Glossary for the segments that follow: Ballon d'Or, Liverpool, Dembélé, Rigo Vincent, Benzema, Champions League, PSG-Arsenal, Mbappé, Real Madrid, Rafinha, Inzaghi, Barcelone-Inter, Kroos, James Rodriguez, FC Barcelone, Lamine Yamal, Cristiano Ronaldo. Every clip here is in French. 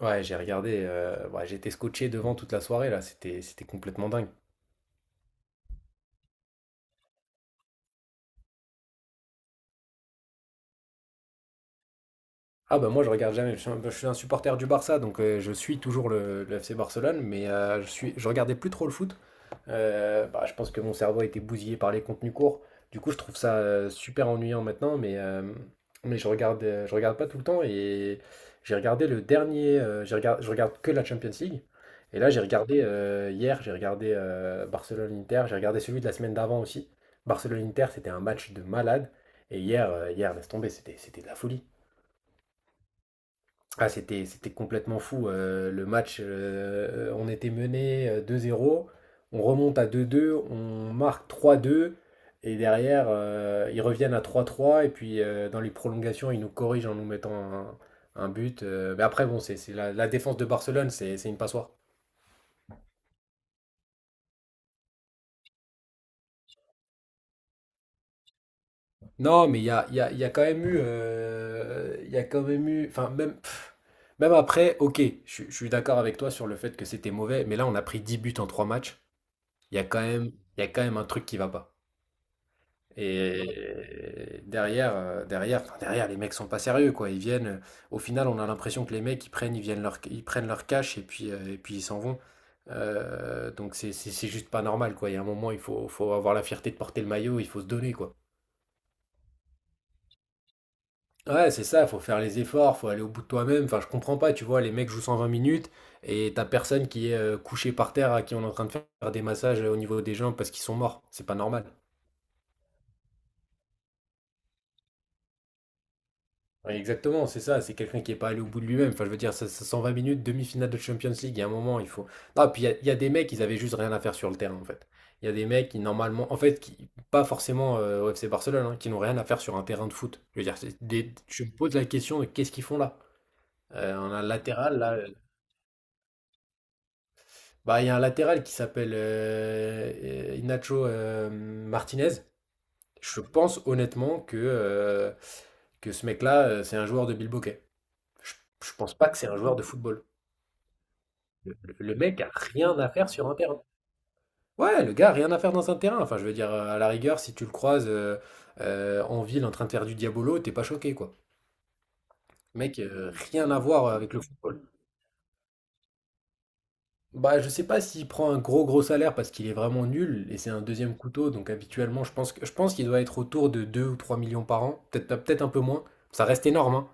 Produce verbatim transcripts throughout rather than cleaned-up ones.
Ouais, j'ai regardé, heu, ouais, j'étais scotché devant toute la soirée là, c'était c'était complètement dingue. Ah bah moi je regarde jamais, je suis un, je suis un supporter du Barça, donc euh, je suis toujours le, le F C Barcelone, mais euh, je suis, je regardais plus trop le foot. Euh, bah, je pense que mon cerveau a été bousillé par les contenus courts. Du coup je trouve ça euh, super ennuyant maintenant, mais, euh, mais je regarde, euh, je regarde pas tout le temps et j'ai regardé le dernier, euh, j'ai regard- je regarde que la Champions League. Et là j'ai regardé euh, hier, j'ai regardé euh, Barcelone-Inter, j'ai regardé celui de la semaine d'avant aussi. Barcelone-Inter, c'était un match de malade. Et hier, euh, hier laisse tomber, c'était c'était de la folie. Ah, c'était, c'était complètement fou. euh, le match, euh, on était mené euh, deux à zéro, on remonte à deux deux, on marque trois deux et derrière, euh, ils reviennent à trois trois et puis euh, dans les prolongations, ils nous corrigent en nous mettant un, un but. euh, mais après, bon, c'est, c'est la, la défense de Barcelone, c'est, c'est une passoire. Non, mais il y a, il y a- il y a quand même eu... euh, Il y a quand même eu... Enfin, même, même après, ok, je, suis je suis d'accord avec toi sur le fait que c'était mauvais, mais là, on a pris dix buts en trois matchs. Il y a quand même, il y a quand même un truc qui va pas. Et derrière, euh, derrière, enfin, derrière, les mecs sont pas sérieux, quoi. Ils viennent, euh, au final, on a l'impression que les mecs, ils prennent, ils viennent leur, ils prennent leur cash et puis, euh, et puis ils s'en vont. Euh, donc c'est c'est- c'est juste pas normal, quoi. Il y a un moment, il faut, faut avoir la fierté de porter le maillot, il faut se donner, quoi. Ouais, c'est ça, faut faire les efforts, faut aller au bout de toi-même. Enfin, je comprends pas, tu vois, les mecs jouent cent vingt minutes et t'as personne qui est euh, couché par terre à qui on est en train de faire des massages au niveau des jambes parce qu'ils sont morts. C'est pas normal. Ouais, exactement, c'est ça, c'est quelqu'un qui n'est pas allé au bout de lui-même. Enfin, je veux dire, ça, ça- cent vingt minutes, demi-finale de Champions League, il y a un moment, il faut. Ah, puis il y a, il y a des mecs, ils avaient juste rien à faire sur le terrain, en fait. Il y a des mecs qui, normalement, en fait, qui, pas forcément euh, au F C Barcelone, hein, qui n'ont rien à faire sur un terrain de foot. Je veux dire, c'est des- je me pose la question de qu'est-ce qu'ils font là? Euh, on a un latéral, là. euh, Bah, il y a un latéral qui s'appelle euh, euh, Inacho euh, Martinez. Je pense honnêtement que, euh, que ce mec-là, euh, c'est un joueur de Bilboquet. Je, je pense pas que c'est un joueur de football. Le, le- le mec a rien à faire sur un terrain. Ouais, le gars a rien à faire dans un terrain. Enfin, je veux dire, euh, à la rigueur, si tu le croises euh, euh, en ville en train de faire du diabolo, t'es pas choqué, quoi. Mec, euh, rien à voir avec le football. Bah, je sais pas s'il prend un gros gros salaire parce qu'il est vraiment nul et c'est un deuxième couteau, donc habituellement, je pense que, je pense qu'il doit être autour de deux ou trois millions par an, peut-être peut-être un peu moins. Ça reste énorme, hein.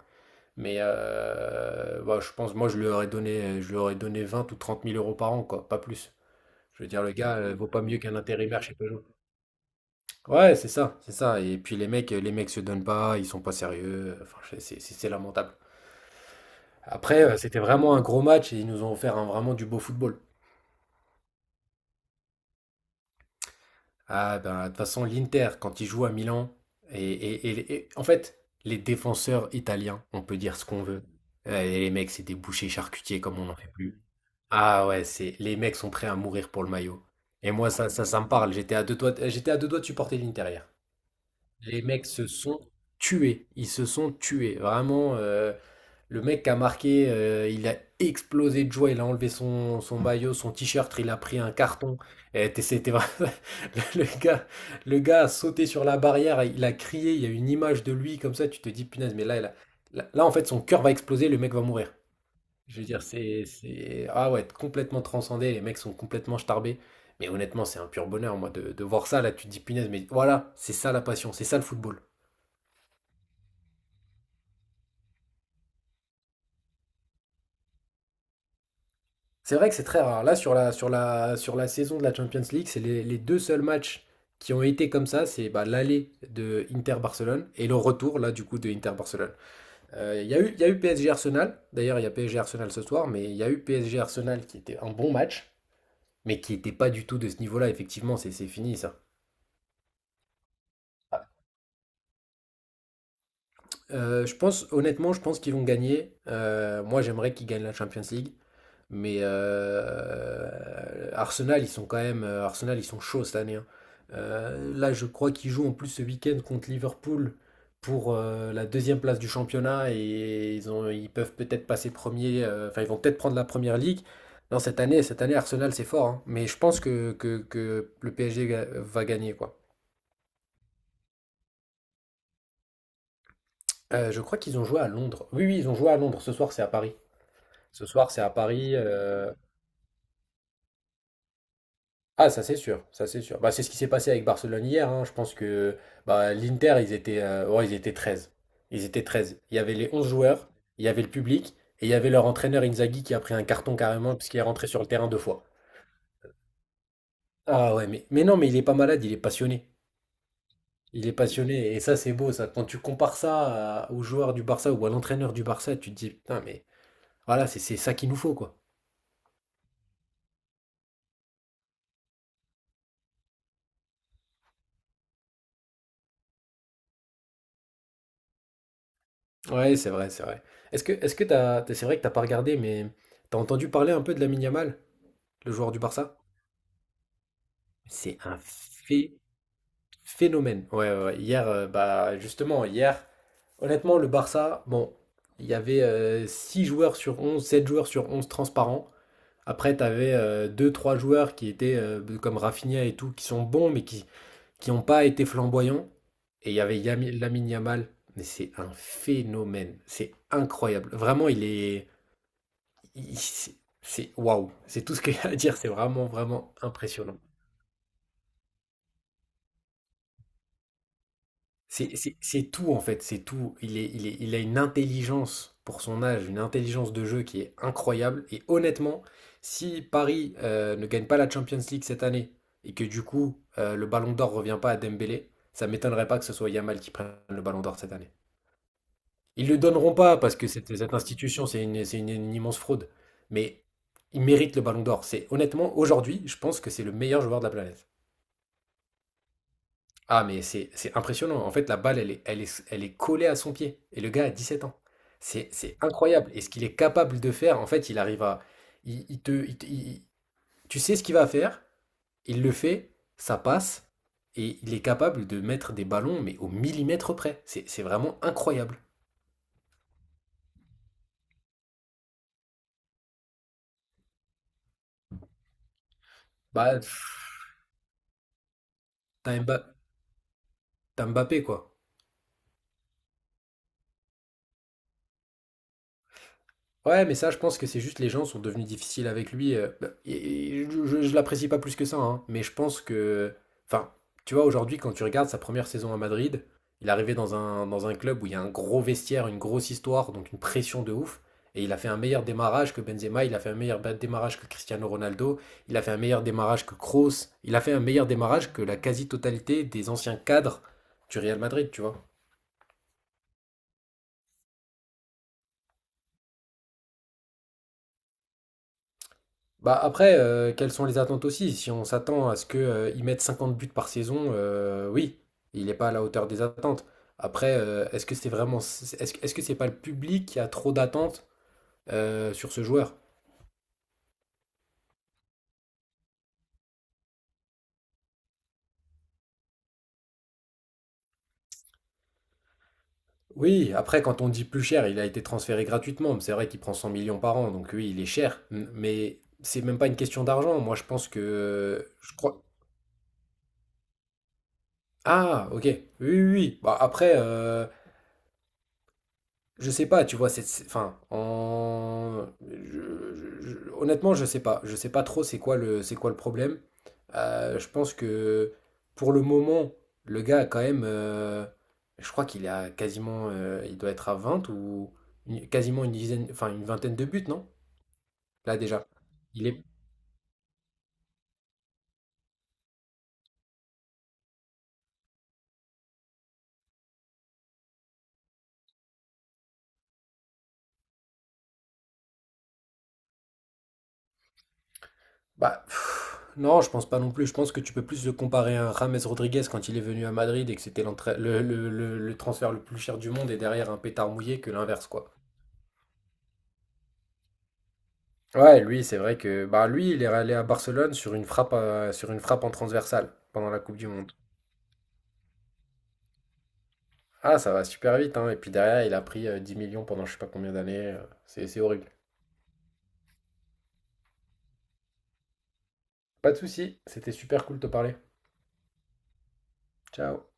Mais euh, bah, je pense, moi, je lui aurais donné, je lui aurais donné vingt ou trente mille euros par an, quoi, pas plus. Je veux dire, le gars, euh, vaut pas mieux qu'un intérimaire chez Peugeot. Ouais, c'est ça, c'est ça. Et puis les mecs, les mecs se donnent pas, ils sont pas sérieux. Enfin, c'est c'est- c'est lamentable. Après, euh, c'était vraiment un gros match et ils nous ont offert un- vraiment du beau football. Ah ben, de toute façon, l'Inter, quand il joue à Milan, et, et- et- et- en fait, les défenseurs italiens, on peut dire ce qu'on veut. Euh, Et les mecs, c'est des bouchers charcutiers comme on n'en fait plus. Ah ouais, c'est les mecs sont prêts à mourir pour le maillot. Et moi, ça, ça, ça me parle. J'étais à deux doigts, j'étais à deux doigts de supporter l'Inter hier. Les mecs se sont tués. Ils se sont tués. Vraiment, euh, le mec qui a marqué, euh, il a explosé de joie. Il a enlevé son, son maillot, son t-shirt. Il a pris un carton. Et t- C'était vraiment... le gars, le gars a sauté sur la barrière. Il a crié. Il y a une image de lui comme ça. Tu te dis, punaise, mais là, il a- là, là, en fait, son cœur va exploser. Le mec va mourir. Je veux dire, c'est, c'est... Ah ouais, complètement transcendé, les mecs sont complètement starbés. Mais honnêtement, c'est un pur bonheur, moi, de, de voir ça, là, tu te dis, punaise, mais voilà, c'est ça la passion, c'est ça le football. C'est vrai que c'est très rare. Là, sur la, sur la, sur la saison de la Champions League, c'est les, les deux seuls matchs qui ont été comme ça, c'est bah, l'aller de Inter-Barcelone et le retour, là, du coup, de Inter-Barcelone. Euh, Il y a eu, il y a eu P S G-Arsenal, d'ailleurs, il y a P S G-Arsenal ce soir, mais il y a eu P S G-Arsenal qui était un bon match, mais qui n'était pas du tout de ce niveau-là, effectivement, c'est c'est fini, ça. Euh, je pense, honnêtement, je pense qu'ils vont gagner. Euh, moi, j'aimerais qu'ils gagnent la Champions League. Mais euh, Arsenal, ils sont quand même. euh, Arsenal, ils sont chauds cette année, hein. Euh, là, je crois qu'ils jouent en plus ce week-end contre Liverpool pour euh, la deuxième place du championnat et ils ont, ils peuvent peut-être passer premier. euh, Enfin, ils vont peut-être prendre la première ligue. Non, cette année, cette année, Arsenal, c'est fort, hein. Mais je pense que, que, que le P S G ga- va gagner, quoi. Euh, je crois qu'ils ont joué à Londres. Oui, oui, ils ont joué à Londres. Ce soir, c'est à Paris. Ce soir, c'est à Paris. euh, Ah, ça c'est sûr, ça c'est sûr. Bah, c'est ce qui s'est passé avec Barcelone hier, hein. Je pense que bah, l'Inter, ils étaient, euh, ouais, ils étaient treize. Ils étaient treize. Il y avait les onze joueurs, il y avait le public, et il y avait leur entraîneur Inzaghi qui a pris un carton carrément parce qu'il est rentré sur le terrain deux fois. Ah ouais, mais, mais non, mais il est pas malade, il est passionné. Il est passionné, et ça c'est beau, ça. Quand tu compares ça à- aux joueurs du Barça ou à l'entraîneur du Barça, tu te dis, putain, mais voilà, c'est c'est ça qu'il nous faut, quoi. Ouais, c'est vrai, c'est vrai. Est-ce que, est-ce que t'as, t'as- C'est vrai que t'as pas regardé, mais t'as entendu parler un peu de Lamine Yamal, le joueur du Barça? C'est un phé- phénomène. Ouais, ouais, ouais. Hier, euh, bah justement, hier, honnêtement, le Barça, bon, il y avait euh, six joueurs sur onze, sept joueurs sur onze transparents. Après, t'avais avais deux trois joueurs qui étaient euh, comme Rafinha et tout, qui sont bons, mais qui qui n'ont pas été flamboyants. Et il y avait Yami- Lamine Yamal. Mais c'est un phénomène. C'est incroyable. Vraiment, il est. il- c'est c'est- waouh, c'est tout ce qu'il y a à dire, c'est vraiment, vraiment impressionnant. C'est c'est- c'est tout en fait, c'est tout. Il est, il est- il a une intelligence pour son âge, une intelligence de jeu qui est incroyable. Et honnêtement, si Paris euh, ne gagne pas la Champions League cette année et que du coup euh, le Ballon d'Or revient pas à Dembélé, ça m'étonnerait pas que ce soit Yamal qui prenne le Ballon d'Or cette année. Ils le donneront pas parce que cette, cette institution, c'est une, c'est une- une immense fraude. Mais il mérite le Ballon d'Or. C'est honnêtement aujourd'hui, je pense que c'est le meilleur joueur de la planète. Ah, mais c'est c'est impressionnant. En fait, la balle, elle est, elle est, elle est collée à son pied. Et le gars a dix-sept ans. C'est c'est incroyable. Et ce qu'il est capable de faire, en fait, il arrive à. Il, il te, il te- il- Tu sais ce qu'il va faire, il le fait, ça passe. Et il est capable de mettre des ballons, mais au millimètre près. C'est c'est vraiment incroyable. Bah, pff, t'as Mba- t'as Mbappé, quoi. Ouais, mais ça, je pense que c'est juste les gens sont devenus difficiles avec lui. Euh, bah, et- et je, je- je l'apprécie pas plus que ça, hein, mais je pense que. Enfin, tu vois, aujourd'hui, quand tu regardes sa première saison à Madrid, il est arrivé dans un, dans un club où il y a un gros vestiaire, une grosse histoire, donc une pression de ouf. Et il a fait un meilleur démarrage que Benzema, il a fait un meilleur ba- démarrage que Cristiano Ronaldo, il a fait un meilleur démarrage que Kroos, il a fait un meilleur démarrage que la quasi-totalité des anciens cadres du Real Madrid, tu vois. Bah après, euh, quelles sont les attentes aussi? Si on s'attend à ce que, euh, il mette cinquante buts par saison, euh, oui, il n'est pas à la hauteur des attentes. Après, euh, est-ce que c'est vraiment, est-ce, que- est-ce que c'est pas le public qui a trop d'attentes euh, sur ce joueur? Oui, après, quand on dit plus cher, il a été transféré gratuitement, mais c'est vrai qu'il prend cent millions par an, donc oui, il est cher. M- Mais c'est même pas une question d'argent. Moi, je pense que, je crois. Ah, ok. Oui, oui, oui. Bah après. euh, Je sais pas, tu vois, c'est, c'est- enfin, en- je- je- je- honnêtement, je sais pas, je sais pas trop c'est quoi le, c'est quoi le problème. Euh, je pense que pour le moment, le gars a quand même, euh, je crois qu'il a quasiment, euh, il doit être à vingt ou une- quasiment une dizaine, enfin une vingtaine de buts, non? Là déjà, il est, bah, pff, non, je pense pas non plus. Je pense que tu peux plus le comparer à James Rodriguez quand il est venu à Madrid et que c'était l'entra- le, le le- le transfert le plus cher du monde et derrière un pétard mouillé que l'inverse, quoi. Ouais, lui, c'est vrai que bah lui, il est allé à Barcelone sur une frappe euh, sur une frappe en transversale pendant la Coupe du Monde. Ah, ça va super vite, hein. Et puis derrière, il a pris euh, dix millions pendant je sais pas combien d'années. euh, C'est c'est horrible. Pas de souci, c'était super cool de te parler. Ciao.